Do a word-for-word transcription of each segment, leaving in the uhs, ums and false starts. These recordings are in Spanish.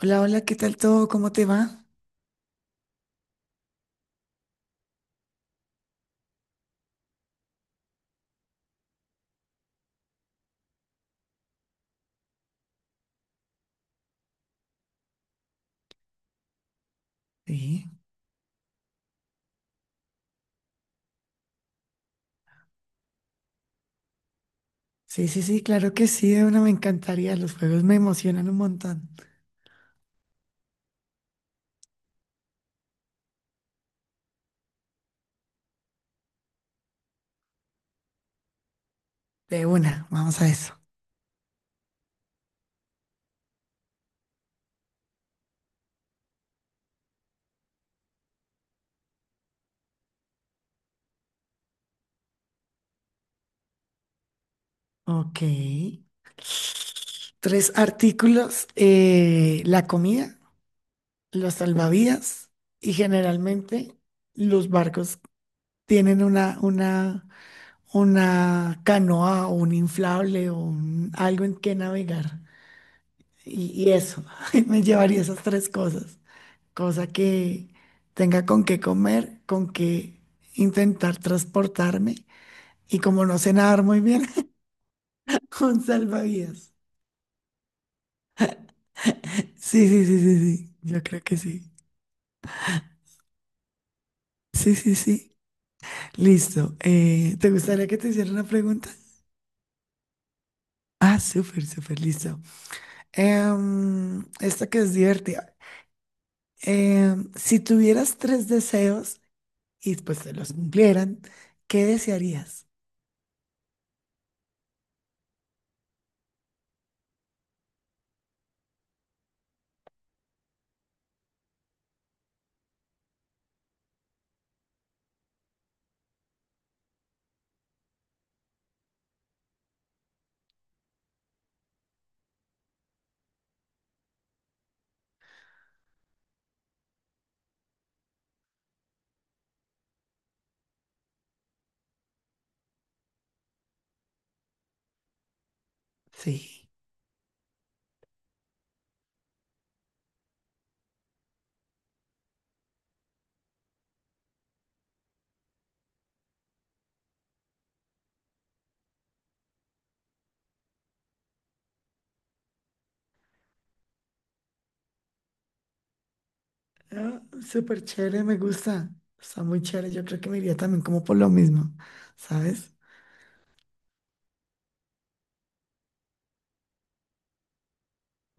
Hola, hola, ¿qué tal todo? ¿Cómo te va? Sí, sí, sí, sí, claro que sí, de una me encantaría. Los juegos me emocionan un montón. De una, vamos a eso. Ok. Tres artículos, eh, la comida, los salvavidas y generalmente los barcos tienen una, una, una canoa o un inflable o un- algo en que navegar. Y, y eso, me llevaría esas tres cosas. Cosa que tenga con qué comer, con qué intentar transportarme. Y como no sé nadar muy bien, un salvavidas. Sí, sí, sí, sí, sí. Yo creo que sí. Sí, sí, sí. Listo. Eh, ¿te gustaría que te hiciera una pregunta? Ah, súper, súper, listo. Em, esta que es divertida. Em, si tuvieras tres deseos y pues te los cumplieran, ¿qué desearías? Sí. Ah, súper chévere, me gusta. Está muy chévere. Yo creo que me iría también como por lo mismo, ¿sabes?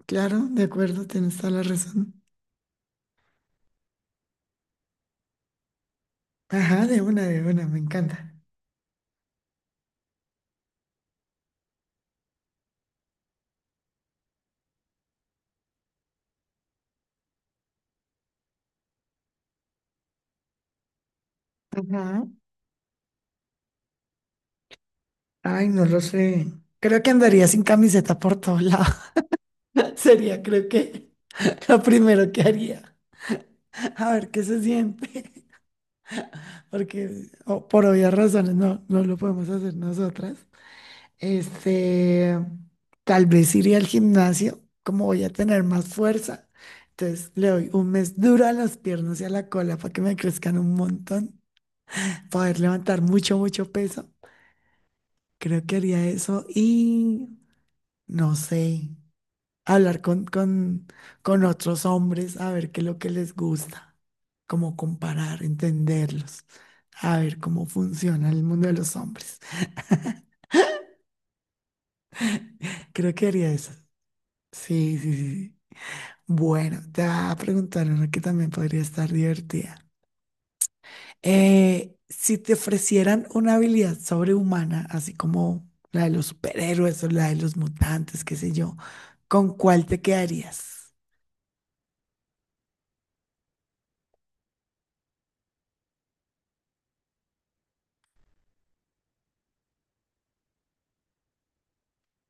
Claro, de acuerdo, tienes toda la razón. Ajá, de una, de una, me encanta. Ajá. Ay, no lo sé. Creo que andaría sin camiseta por todos lados. Sería, creo que, lo primero que haría. A ver qué se siente. Porque oh, por obvias razones no, no lo podemos hacer nosotras. Este, tal vez iría al gimnasio, como voy a tener más fuerza. Entonces le doy un mes duro a las piernas y a la cola para que me crezcan un montón, poder levantar mucho, mucho peso. Creo que haría eso y no sé, hablar con, con, con otros hombres a ver qué es lo que les gusta, como comparar, entenderlos, a ver cómo funciona el mundo de los hombres. Creo que haría eso. Sí, sí, sí, sí. Bueno, te voy a preguntar una que también podría estar divertida. Eh, si te ofrecieran una habilidad sobrehumana, así como la de los superhéroes o la de los mutantes, qué sé yo, ¿con cuál te quedarías?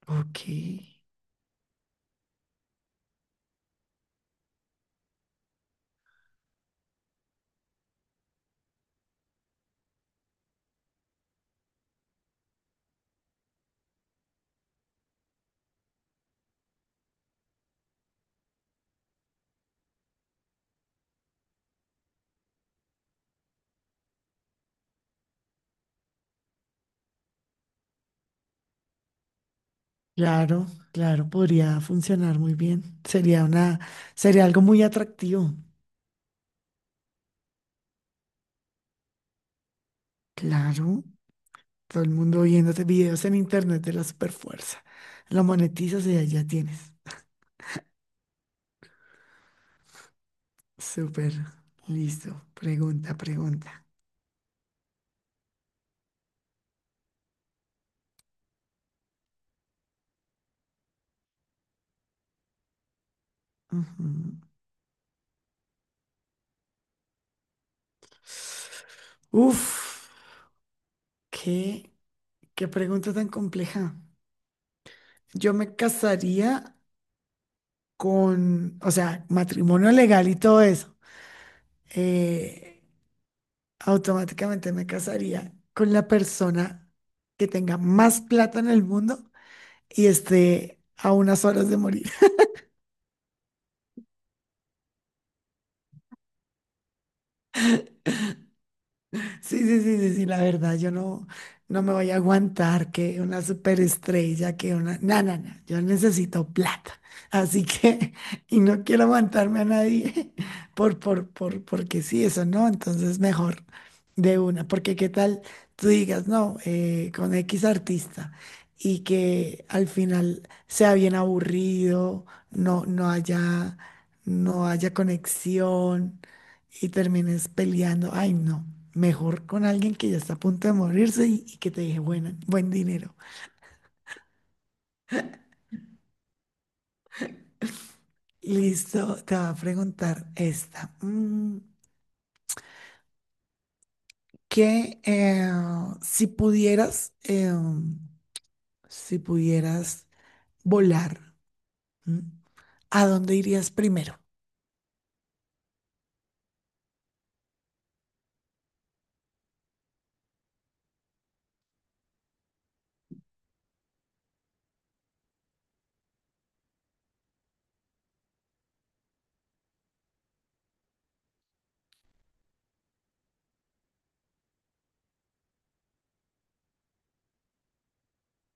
Ok, claro, claro, podría funcionar muy bien. Sería una, sería algo muy atractivo. Claro, todo el mundo viéndote videos en internet de la superfuerza. Lo monetizas y ya tienes. Súper. Listo. Pregunta, pregunta. Ujú. Uf, qué, qué pregunta tan compleja. Yo me casaría con, o sea, matrimonio legal y todo eso. Eh, automáticamente me casaría con la persona que tenga más plata en el mundo y esté a unas horas de morir. Sí, sí, sí, sí, sí, la verdad, yo no, no me voy a aguantar que una superestrella, que una... No, no, no, yo necesito plata. Así que, y no quiero aguantarme a nadie por, por, por, porque sí, eso no, entonces mejor de una, porque qué tal tú digas, no, eh, con X artista y que al final sea bien aburrido, no, no haya, no haya conexión y termines peleando. Ay, no, mejor con alguien que ya está a punto de morirse y, y que te deje buena, buen dinero. Listo, te va a preguntar esta. Mm, que eh, Si pudieras, eh, si pudieras volar, ¿m? ¿A dónde irías primero?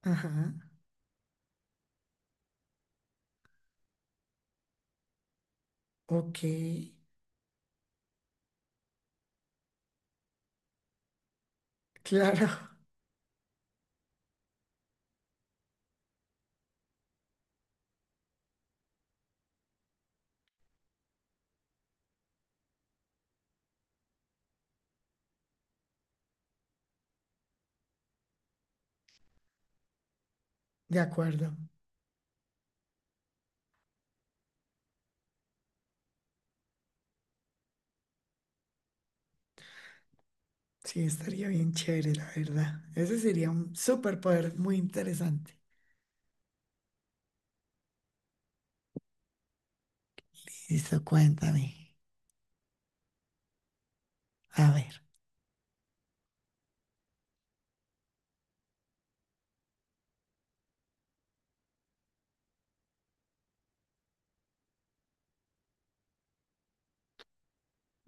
Ajá, ok, claro, de acuerdo. Sí, estaría bien chévere, la verdad. Ese sería un superpoder muy interesante. Listo, cuéntame. A ver.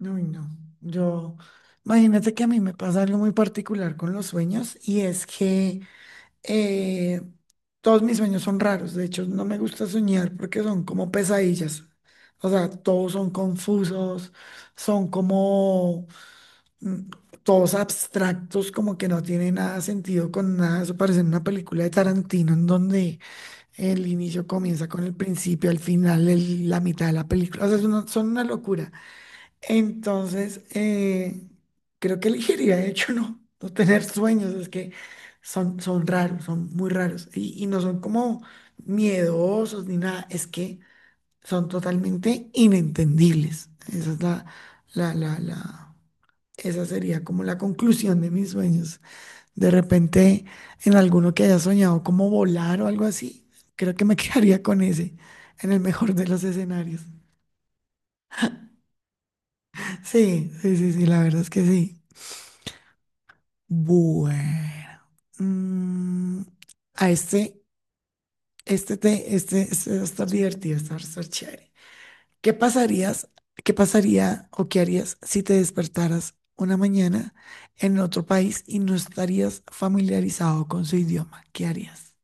Uy, no. Yo, imagínate que a mí me pasa algo muy particular con los sueños y es que eh, todos mis sueños son raros. De hecho, no me gusta soñar porque son como pesadillas. O sea, todos son confusos, son como mm, todos abstractos, como que no tiene nada sentido con nada. Eso parece una película de Tarantino en donde el inicio comienza con el principio, al final el- la mitad de la película. O sea, es una- son una locura. Entonces, eh, creo que elegiría, de hecho, no, no tener sueños, es que son, son raros, son muy raros y, y no son como miedosos ni nada, es que son totalmente inentendibles. Esa es la, la, la, la, esa sería como la conclusión de mis sueños. De repente, en alguno que haya soñado como volar o algo así, creo que me quedaría con ese, en el mejor de los escenarios. Sí, sí, sí, sí, la verdad es que sí. Bueno, mm, a este, este, te, este, este va a estar divertido, este va a estar chévere. ¿Qué pasarías, ¿Qué pasaría o qué harías si te despertaras una mañana en otro país y no estarías familiarizado con su idioma? ¿Qué harías?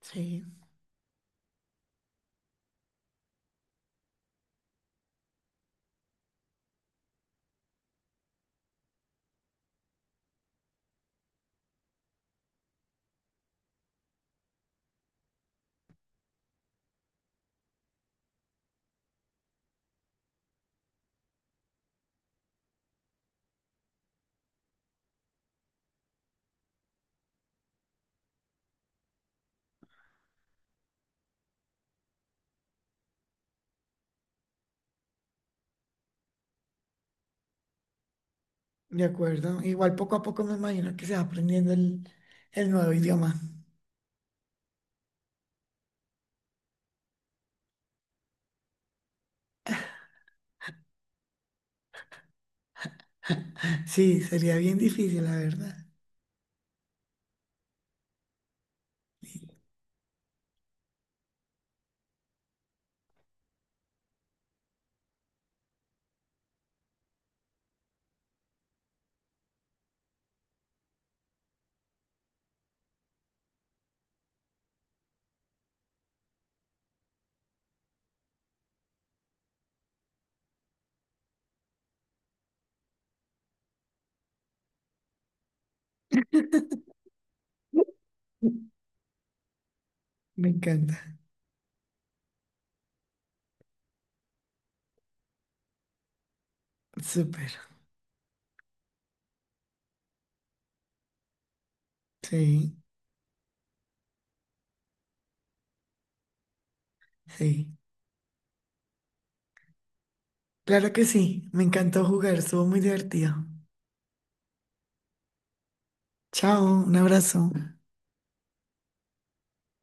Sí, de acuerdo. Igual poco a poco me imagino que se va aprendiendo el, el nuevo idioma. Sí, sería bien difícil, la verdad. Me encanta. Súper. Sí, sí. Claro que sí, me encantó jugar, estuvo muy divertido. Chao, un abrazo.